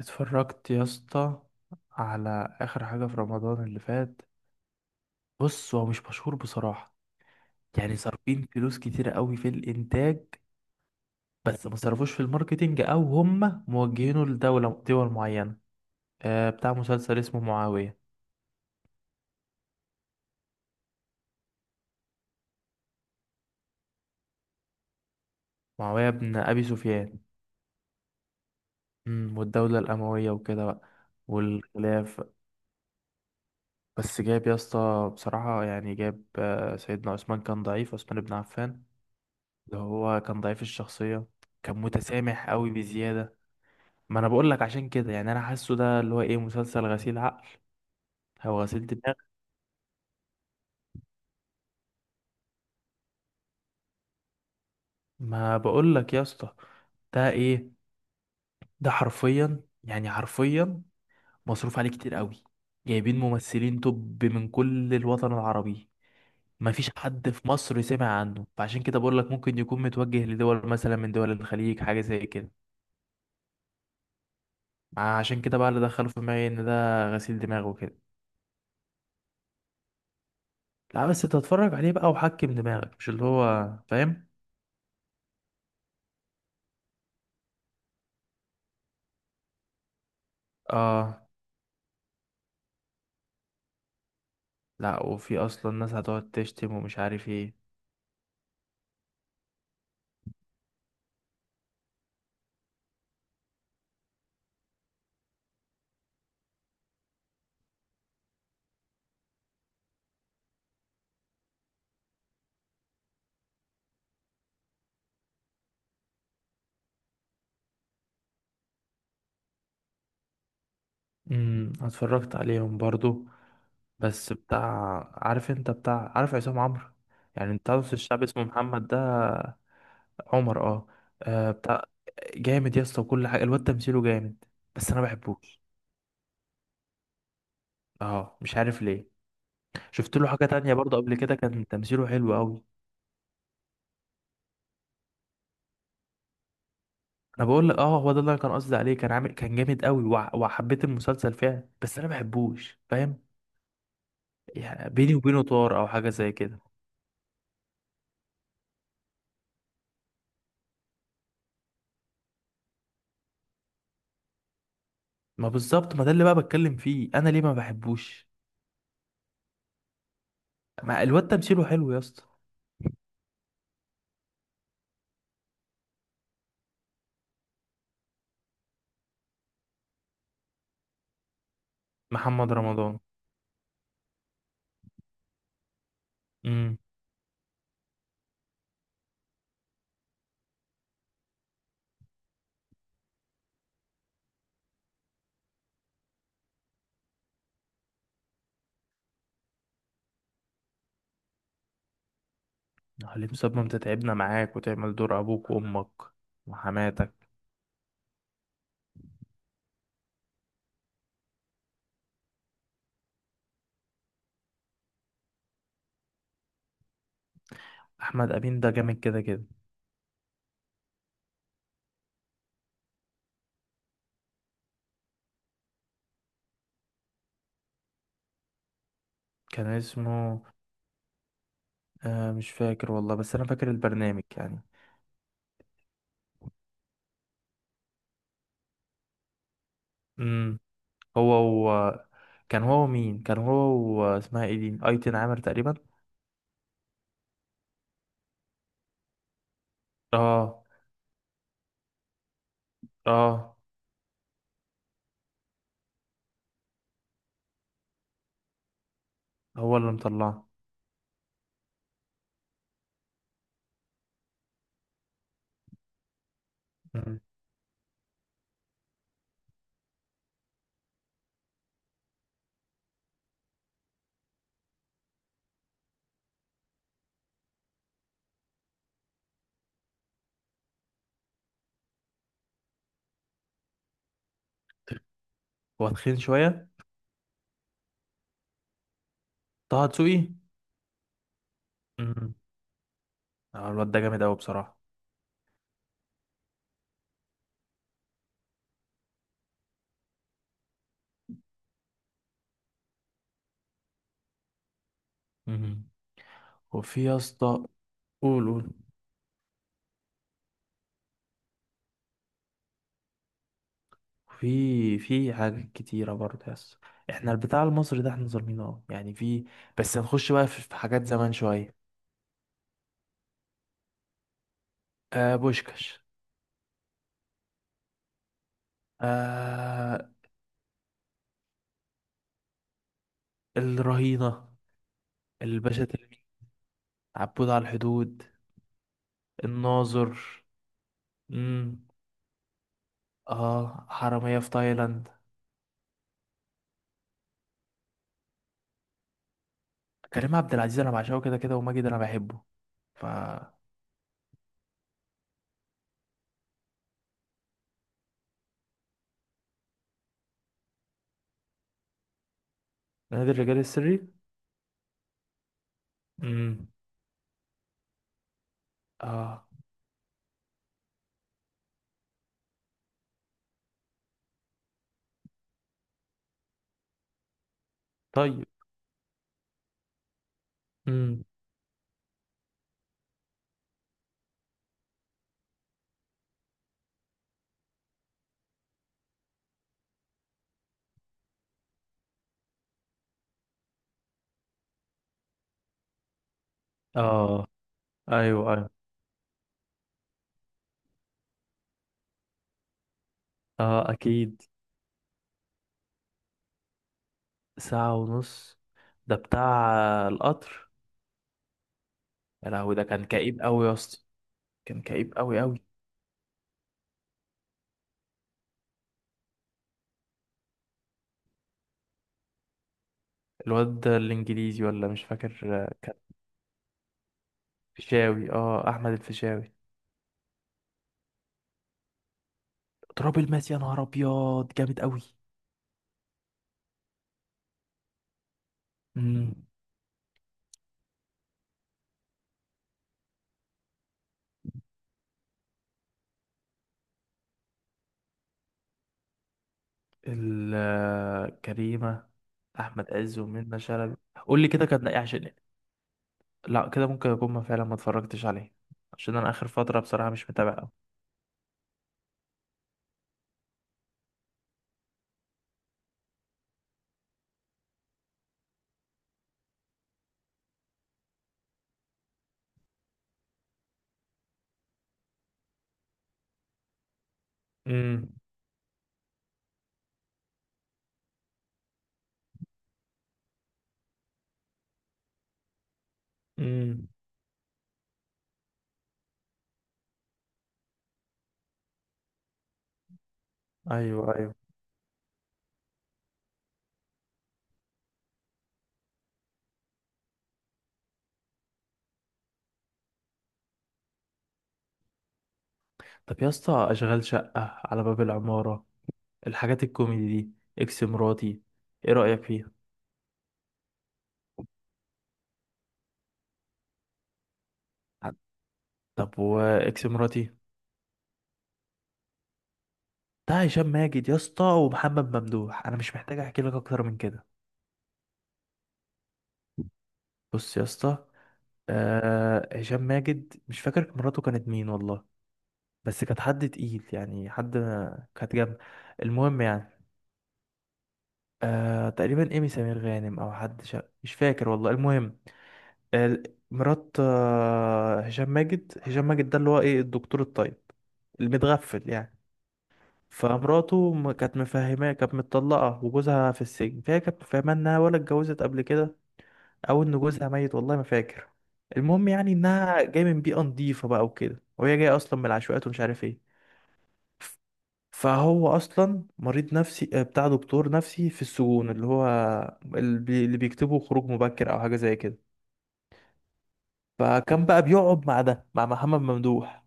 اتفرجت يا اسطى على اخر حاجة في رمضان اللي فات. بص، هو مش مشهور بصراحة. يعني صارفين فلوس كتيرة قوي في الانتاج، بس ما صرفوش في الماركتينج، او هم موجهينه لدولة دول معينة. بتاع مسلسل اسمه معاوية. معاوية بن ابي سفيان. والدولة الاموية وكده بقى. والخلاف. بس جاب يا اسطى بصراحة، يعني جاب سيدنا عثمان كان ضعيف، عثمان بن عفان. اللي هو كان ضعيف الشخصية، كان متسامح قوي بزيادة. ما انا بقول لك عشان كده، يعني انا حاسه ده اللي هو ايه، مسلسل غسيل عقل او غسيل دماغ. ما بقول لك يا اسطى، ده ايه؟ ده حرفيا يعني حرفيا مصروف عليه كتير قوي. جايبين ممثلين توب من كل الوطن العربي، ما فيش حد في مصر سمع عنه، فعشان كده بقول لك ممكن يكون متوجه لدول مثلا من دول الخليج، حاجة زي كده. عشان كده بقى اللي دخله في دماغي ان ده غسيل دماغ وكده. لا بس تتفرج عليه بقى وحكم دماغك، مش اللي هو فاهم. اه. لا، وفي اصلا ناس هتقعد تشتم ومش عارف ايه. اتفرجت عليهم برضو. بس بتاع، عارف انت بتاع، عارف عصام عمرو؟ يعني انت عارف الشعب اسمه محمد ده. عمر، اه. آه، بتاع جامد يا اسطى، وكل حاجه الواد تمثيله جامد، بس انا بحبوش. اه، مش عارف ليه. شفت له حاجه تانية برضو، قبل كده كان تمثيله حلو قوي. انا بقول لك اه، هو ده اللي انا كان قصدي عليه، كان عامل كان جامد قوي، وع- وحبيت المسلسل فعلا، بس انا بحبوش، فاهم. يعني بيني وبينه طار او حاجه زي كده. ما بالظبط، ما ده اللي بقى بتكلم فيه، انا ليه ما بحبوش؟ ما الواد تمثيله حلو يا اسطى. محمد رمضان. امم. حليم صبري، انت تعبنا معاك وتعمل دور ابوك وامك وحماتك. احمد امين ده جامد كده كده. كان اسمه... آه، مش فاكر والله، بس انا فاكر البرنامج يعني. امم. هو كان هو مين؟ كان هو... اسمها ايه دي؟ ايتن عامر تقريبا. اه. اه، هو اللي مطلعه. امم. هو تخين شويه. طه دسوقي. امم. الواد ده جامد قوي بصراحه. مهم. وفي يا اسطى. قول، قول. في حاجات كتيرة برضه يا اسطى، احنا البتاع المصري ده احنا ظالمينه. اه، يعني في. بس هنخش بقى في حاجات زمان شوية. بوشكاش. آه الرهينة. الباشا تلميذ. عبود على الحدود. الناظر. امم. اه، حرامية في تايلاند. كريم عبد العزيز انا بعشقه كده كده، وماجد انا بحبه. ف نادي الرجال السري. مم. اه. طيب. امم. اه. ايوه، ايوه. اه، اكيد. ساعة ونص. ده بتاع القطر. يا لهوي، ده كان كئيب قوي يا اسطى. كان كئيب قوي قوي. الواد ده الانجليزي ولا مش فاكر، كان... فيشاوي، اه، احمد الفيشاوي. تراب الماس، يا نهار ابيض جامد قوي. امم. كريمة. احمد عز ومنة شلبي. قول لي كده كان ايه، عشان... لا كده ممكن اكون ما فعلا ما اتفرجتش عليه، عشان انا اخر فترة بصراحة مش متابع قوي. امم. امم. ايوه، ايوه. طب يا اسطى، اشغال شقة، على باب العمارة، الحاجات الكوميدي دي، اكس مراتي، ايه رأيك فيها؟ طب، واكس مراتي؟ ده هشام ماجد يا اسطى ومحمد ممدوح، انا مش محتاج احكي لك اكتر من كده. بص يا اسطى، هشام ماجد مش فاكر مراته كانت مين والله، بس كانت حد تقيل، يعني حد، كانت جنب. المهم يعني، تقريبا ايمي سمير غانم او حد مش فاكر والله. المهم، ال- مرات هشام ماجد ده اللي هو ايه، الدكتور الطيب المتغفل يعني. فمراته كانت مفهماه كانت متطلقة وجوزها في السجن، فهي كانت مفهماه انها ولا اتجوزت قبل كده، او ان جوزها ميت والله ما فاكر. المهم، يعني انها جاية من بيئة نضيفة بقى وكده، وهي جاية اصلا من العشوائيات ومش عارف ايه. ف- فهو اصلا مريض نفسي، بتاع دكتور نفسي في السجون، اللي هو اللي بيكتبوا خروج مبكر او حاجة زي كده. فكان بقى بيقعد مع ده، مع محمد ممدوح،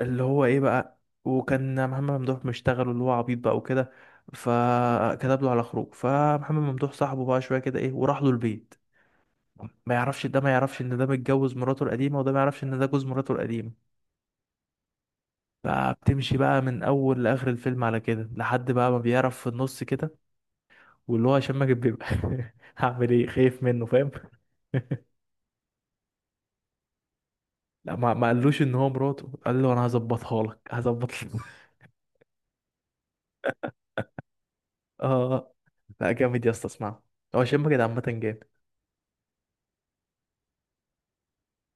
اللي هو ايه بقى. وكان محمد ممدوح مشتغل اللي هو عبيط بقى وكده، فكتب له على خروج، فمحمد ممدوح صاحبه بقى شويه كده ايه، وراح له البيت. ما يعرفش ده، ما يعرفش ان ده متجوز مراته القديمه، وده ما يعرفش ان ده جوز مراته القديمه. فبتمشي بقى من اول لاخر الفيلم على كده، لحد بقى ما بيعرف في النص كده، واللي هو هشام ماجد بيبقى هعمل ايه، خايف منه، فاهم؟ لا، ما قالوش ان هو مراته، قال له انا هظبطها لك، هظبط لك. اه. لا، جامد يا اسطى، اسمعه، هو شم كده عامة جامد.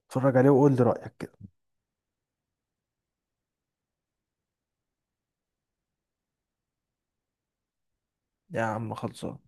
اتفرج عليه وقول لي رأيك كده. يا عم خلصان.